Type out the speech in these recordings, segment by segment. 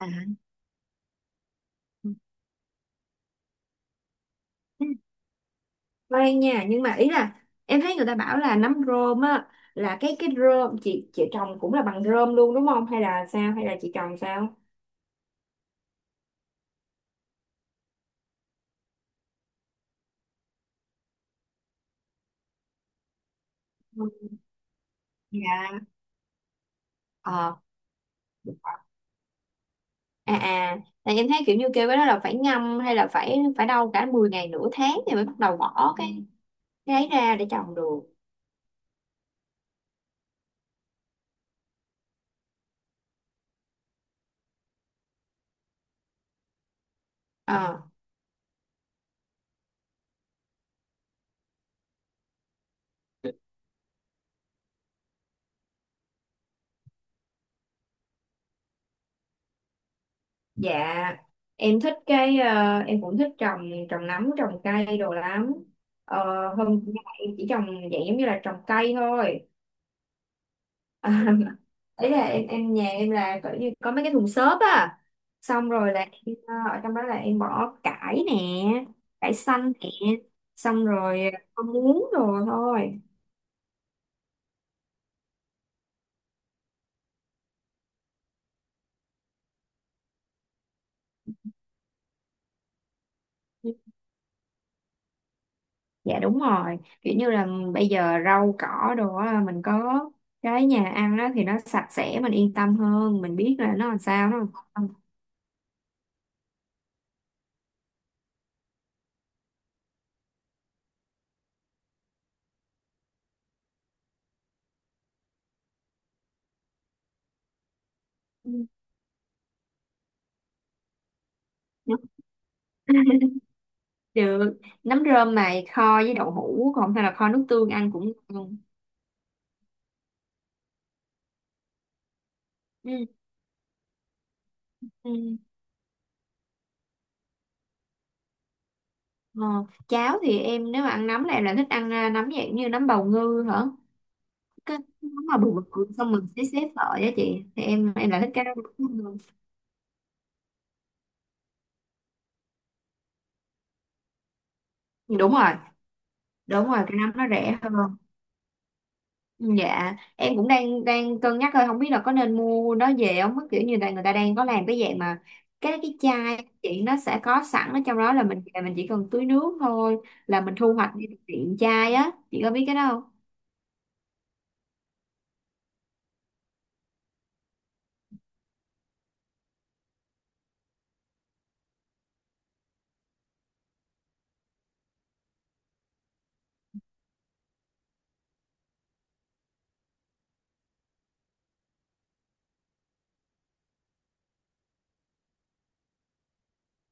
À. Khoan nha, nhưng mà ý là em thấy người ta bảo là nấm rơm á, là cái rơm chị trồng cũng là bằng rơm luôn đúng không, hay là sao, hay là chị trồng sao? Ừ, dạ. ờ à à Tại em thấy kiểu như kêu cái đó là phải ngâm, hay là phải phải đâu cả 10 ngày nửa tháng thì mới bắt đầu bỏ cái ấy ra để trồng được. ờ dạ, em thích em cũng thích trồng trồng nấm trồng cây đồ lắm. ờ Hôm nay em chỉ trồng dạng giống như là trồng cây thôi. À, ý là em nhà em là kiểu như có mấy cái thùng xốp á, xong rồi là ở trong đó là em bỏ cải nè, cải xanh nè, xong rồi có muống rồi thôi. Dạ đúng rồi, kiểu như là bây giờ rau cỏ đồ á, mình có cái nhà ăn á thì nó sạch sẽ, mình yên tâm hơn, mình biết là nó làm sao nó làm không. Ừ. Được. Nấm rơm mà kho với đậu hũ, còn hay là kho nước tương ăn cũng ngon. Ừ. Ừ. Ờ, cháo thì em nếu mà ăn nấm là em lại thích ăn nấm dạng như nấm bào ngư hả? Cái nấm mà bự bự, xong mình xé xé sợi á chị. Thì em lại thích cái đó hơn. Đúng rồi, đúng rồi, cái nấm nó rẻ hơn. Ừ, dạ, em cũng đang đang cân nhắc thôi, không biết là có nên mua nó về không. Kiểu như là người ta đang có làm cái dạng mà cái chai chị, nó sẽ có sẵn ở trong đó, là mình về mình chỉ cần tưới nước thôi là mình thu hoạch đi từ tiện chai á. Chị có biết cái đó không?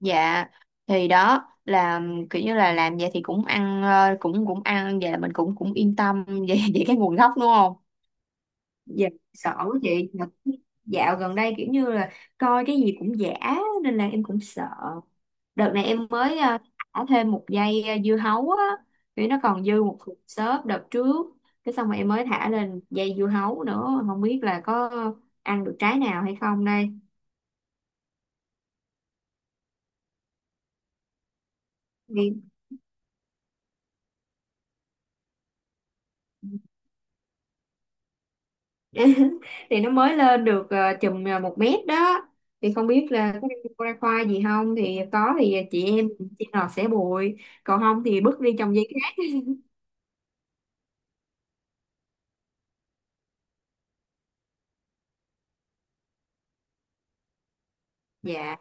Dạ, thì đó là kiểu như là làm vậy thì cũng ăn, ờ, cũng cũng ăn vậy là mình cũng cũng yên tâm về về cái nguồn gốc đúng không? Dạ, sợ quá chị. Mà dạo gần đây kiểu như là coi cái gì cũng giả, nên là em cũng sợ. Đợt này em mới thả thêm một dây dưa hấu á, vì nó còn dư một cục xớp đợt trước. Cái xong rồi em mới thả lên dây dưa hấu nữa, không biết là có ăn được trái nào hay không đây. Đi. Thì nó mới lên được chùm 1 mét đó, thì không biết là có ra khoa gì không, thì có thì chị em chị nào sẽ bụi, còn không thì bước đi trồng dây khác. Dạ,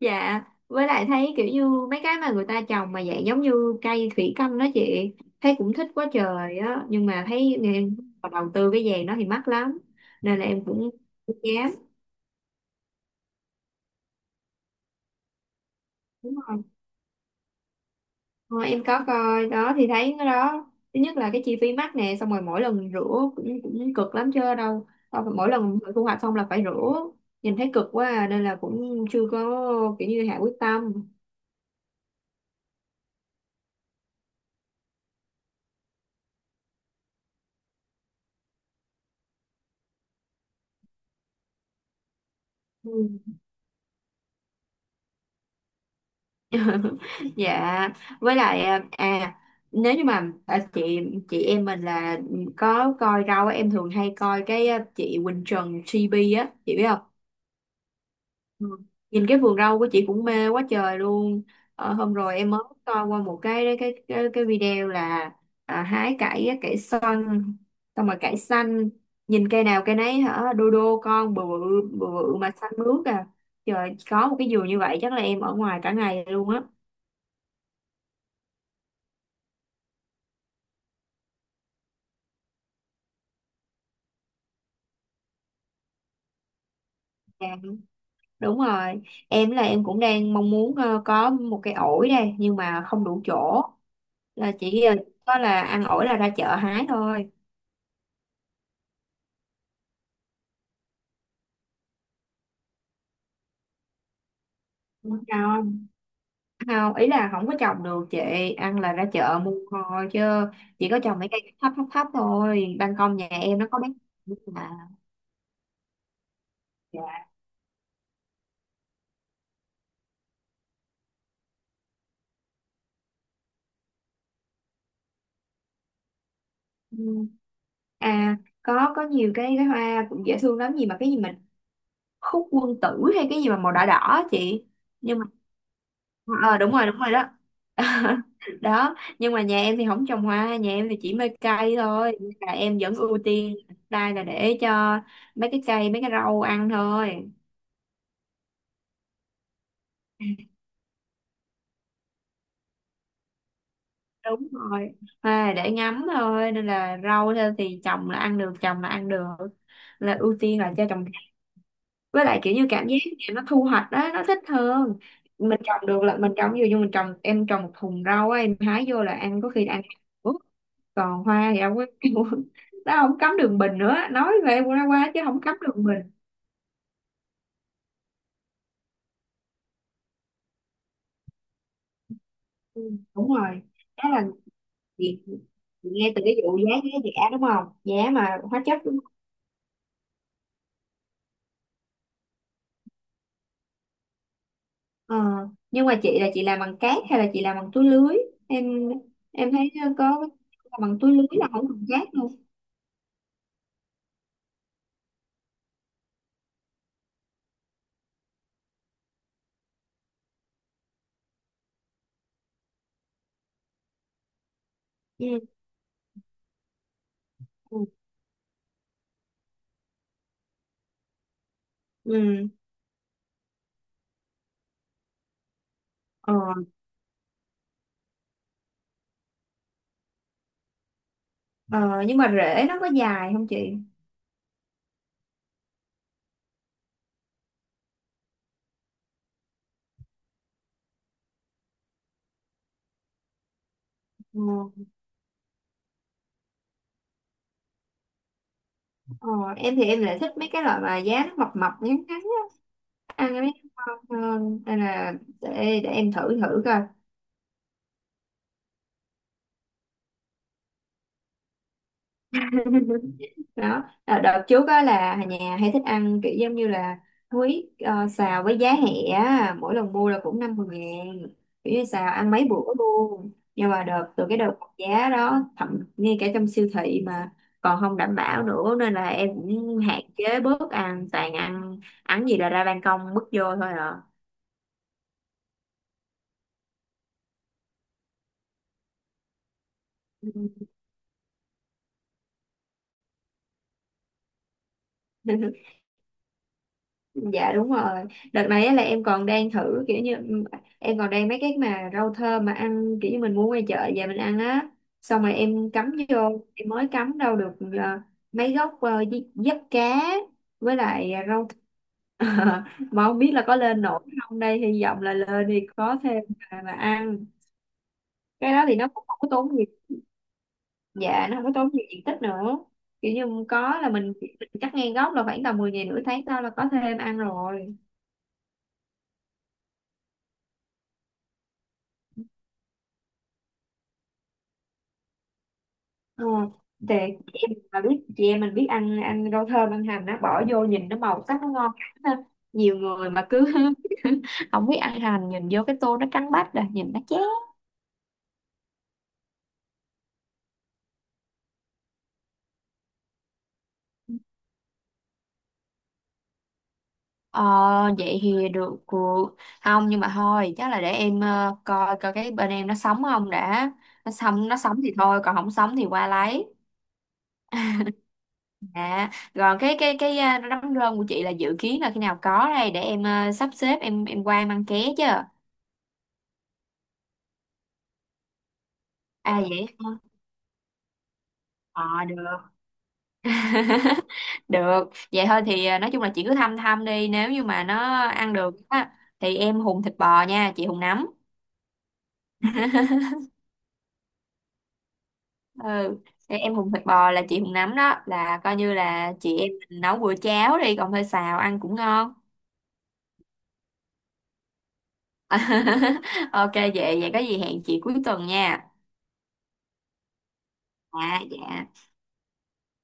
dạ, với lại thấy kiểu như mấy cái mà người ta trồng mà dạng giống như cây thủy canh đó chị, thấy cũng thích quá trời á, nhưng mà thấy nghe- mà đầu tư cái vàng đó thì mắc lắm, nên là em cũng không dám. Đúng rồi. Ờ, em có coi đó, thì thấy cái đó thứ nhất là cái chi phí mắc nè, xong rồi mỗi lần rửa cũng cực lắm chứ đâu. Tao phải- mỗi lần thu hoạch xong là phải rửa, nhìn thấy cực quá à, nên là cũng chưa có kiểu như hạ quyết tâm. Ừ. Dạ, với lại nếu như mà chị em mình là có coi rau á, em thường hay coi cái chị Quỳnh Trần TV á chị biết không? Ừ. Nhìn cái vườn rau của chị cũng mê quá trời luôn. Ờ, hôm rồi em mới coi qua một cái cái video là hái cải á, cải xoăn, xong rồi cải xanh, nhìn cây nào cây nấy hả đô đô con bự bự bự bự mà xanh mướt à. Trời, có một cái vườn như vậy chắc là em ở ngoài cả ngày luôn á. Dạ, đúng rồi. Em là em cũng đang mong muốn có một cái ổi đây, nhưng mà không đủ chỗ. Là chỉ có là ăn ổi là ra chợ hái thôi. Đúng rồi, không, ý là không có trồng được chị, ăn là ra chợ mua thôi, chứ chỉ có trồng mấy cây thấp thấp thấp thôi. Ban công nhà em nó có mấy mà dạ. Ừ. À có nhiều cái hoa cũng dễ thương lắm, gì mà cái gì mình khúc quân tử, hay cái gì mà màu đỏ đỏ á chị, nhưng mà ờ đúng rồi, đúng rồi đó. Đó nhưng mà nhà em thì không trồng hoa, nhà em thì chỉ mê cây thôi, nên là em vẫn ưu tiên đây là để cho mấy cái cây mấy cái rau ăn thôi. Đúng rồi, à, để ngắm thôi, nên là rau thôi, thì trồng là ăn được, trồng là ăn được là ưu tiên là cho trồng. Với lại kiểu như cảm giác thì nó thu hoạch đó nó thích hơn, mình trồng được là mình trồng. Ví dụ như mình trồng, em trồng một thùng rau á, em hái vô là ăn, có khi ăn ủa, còn hoa thì đâu có. Nó không cắm đường bình nữa, nói về qua qua chứ không cắm đường bình. Ừ, đúng rồi, đó là việc. Nghe từ cái vụ giá, cái giá đúng không, giá mà hóa chất. Ờ, nhưng mà chị là chị làm bằng cát hay là chị làm bằng túi lưới? Em em thấy có bằng túi lưới là không bằng cát luôn. Ừ, ừ, ừ, ờ, ờ. Nhưng mà rễ nó có dài không chị? Ờ, ờ, em thì em lại thích mấy cái loại mà giá nó mập mập ngắn ngắn á, ăn mấy cái ngon hơn, nên là để em thử thử coi. Đó à, đợt trước á là nhà hay thích ăn kiểu giống như là húy xào với giá hẹ á. Mỗi lần mua là cũng 50.000, kiểu như xào ăn mấy bữa luôn. Nhưng mà đợt từ cái đợt giá đó thậm ngay cả trong siêu thị mà còn không đảm bảo nữa, nên là em cũng hạn chế bớt ăn, toàn ăn ăn gì là ra ban công bước vô thôi à. Ừ. Dạ đúng rồi. Đợt này á là em còn đang thử kiểu như ừ, em còn đang mấy cái mà rau thơm mà ăn kiểu như mình mua ngoài chợ về mình ăn á. Xong rồi em cắm vô, em mới cắm đâu được ờ, mấy gốc giấp cá, với lại rau th- mà không biết là có lên nổi không đây, hy vọng là lên thì có thêm mà ăn. Cái đó thì nó cũng không có tốn gì. Dạ nó không có tốn gì diện tích nữa. Kiểu như có là mình cắt ngang gốc là khoảng tầm 10 ngày nửa tháng sau là có thêm ăn rồi. Ờ, thì chị em mà biết, chị em mình biết ăn ăn rau thơm ăn hành, nó bỏ vô nhìn nó màu sắc nó ngon ha. Nhiều người mà cứ không biết ăn hành, nhìn vô cái tô nó trắng bách rồi nhìn nó chán. Ờ, vậy thì được cuộc không, nhưng mà thôi chắc là để em coi coi cái bên em nó sống không đã. Nó sống, nó sống thì thôi, còn không sống thì qua lấy. À, còn cái à, đám rơm của chị là dự kiến là khi nào có đây để em sắp xếp em qua em ăn ké chứ. À vậy hả? Ờ được. Được. Vậy thôi thì à, nói chung là chị cứ thăm thăm đi, nếu như mà nó ăn được á thì em hùn thịt bò nha, chị hùn nấm. Ừ. Thì em hùn thịt bò là chị hùn nấm đó, là coi như là chị em mình nấu bữa cháo đi, còn hơi xào ăn cũng ngon. Ok, vậy vậy có gì hẹn chị cuối tuần nha. À dạ.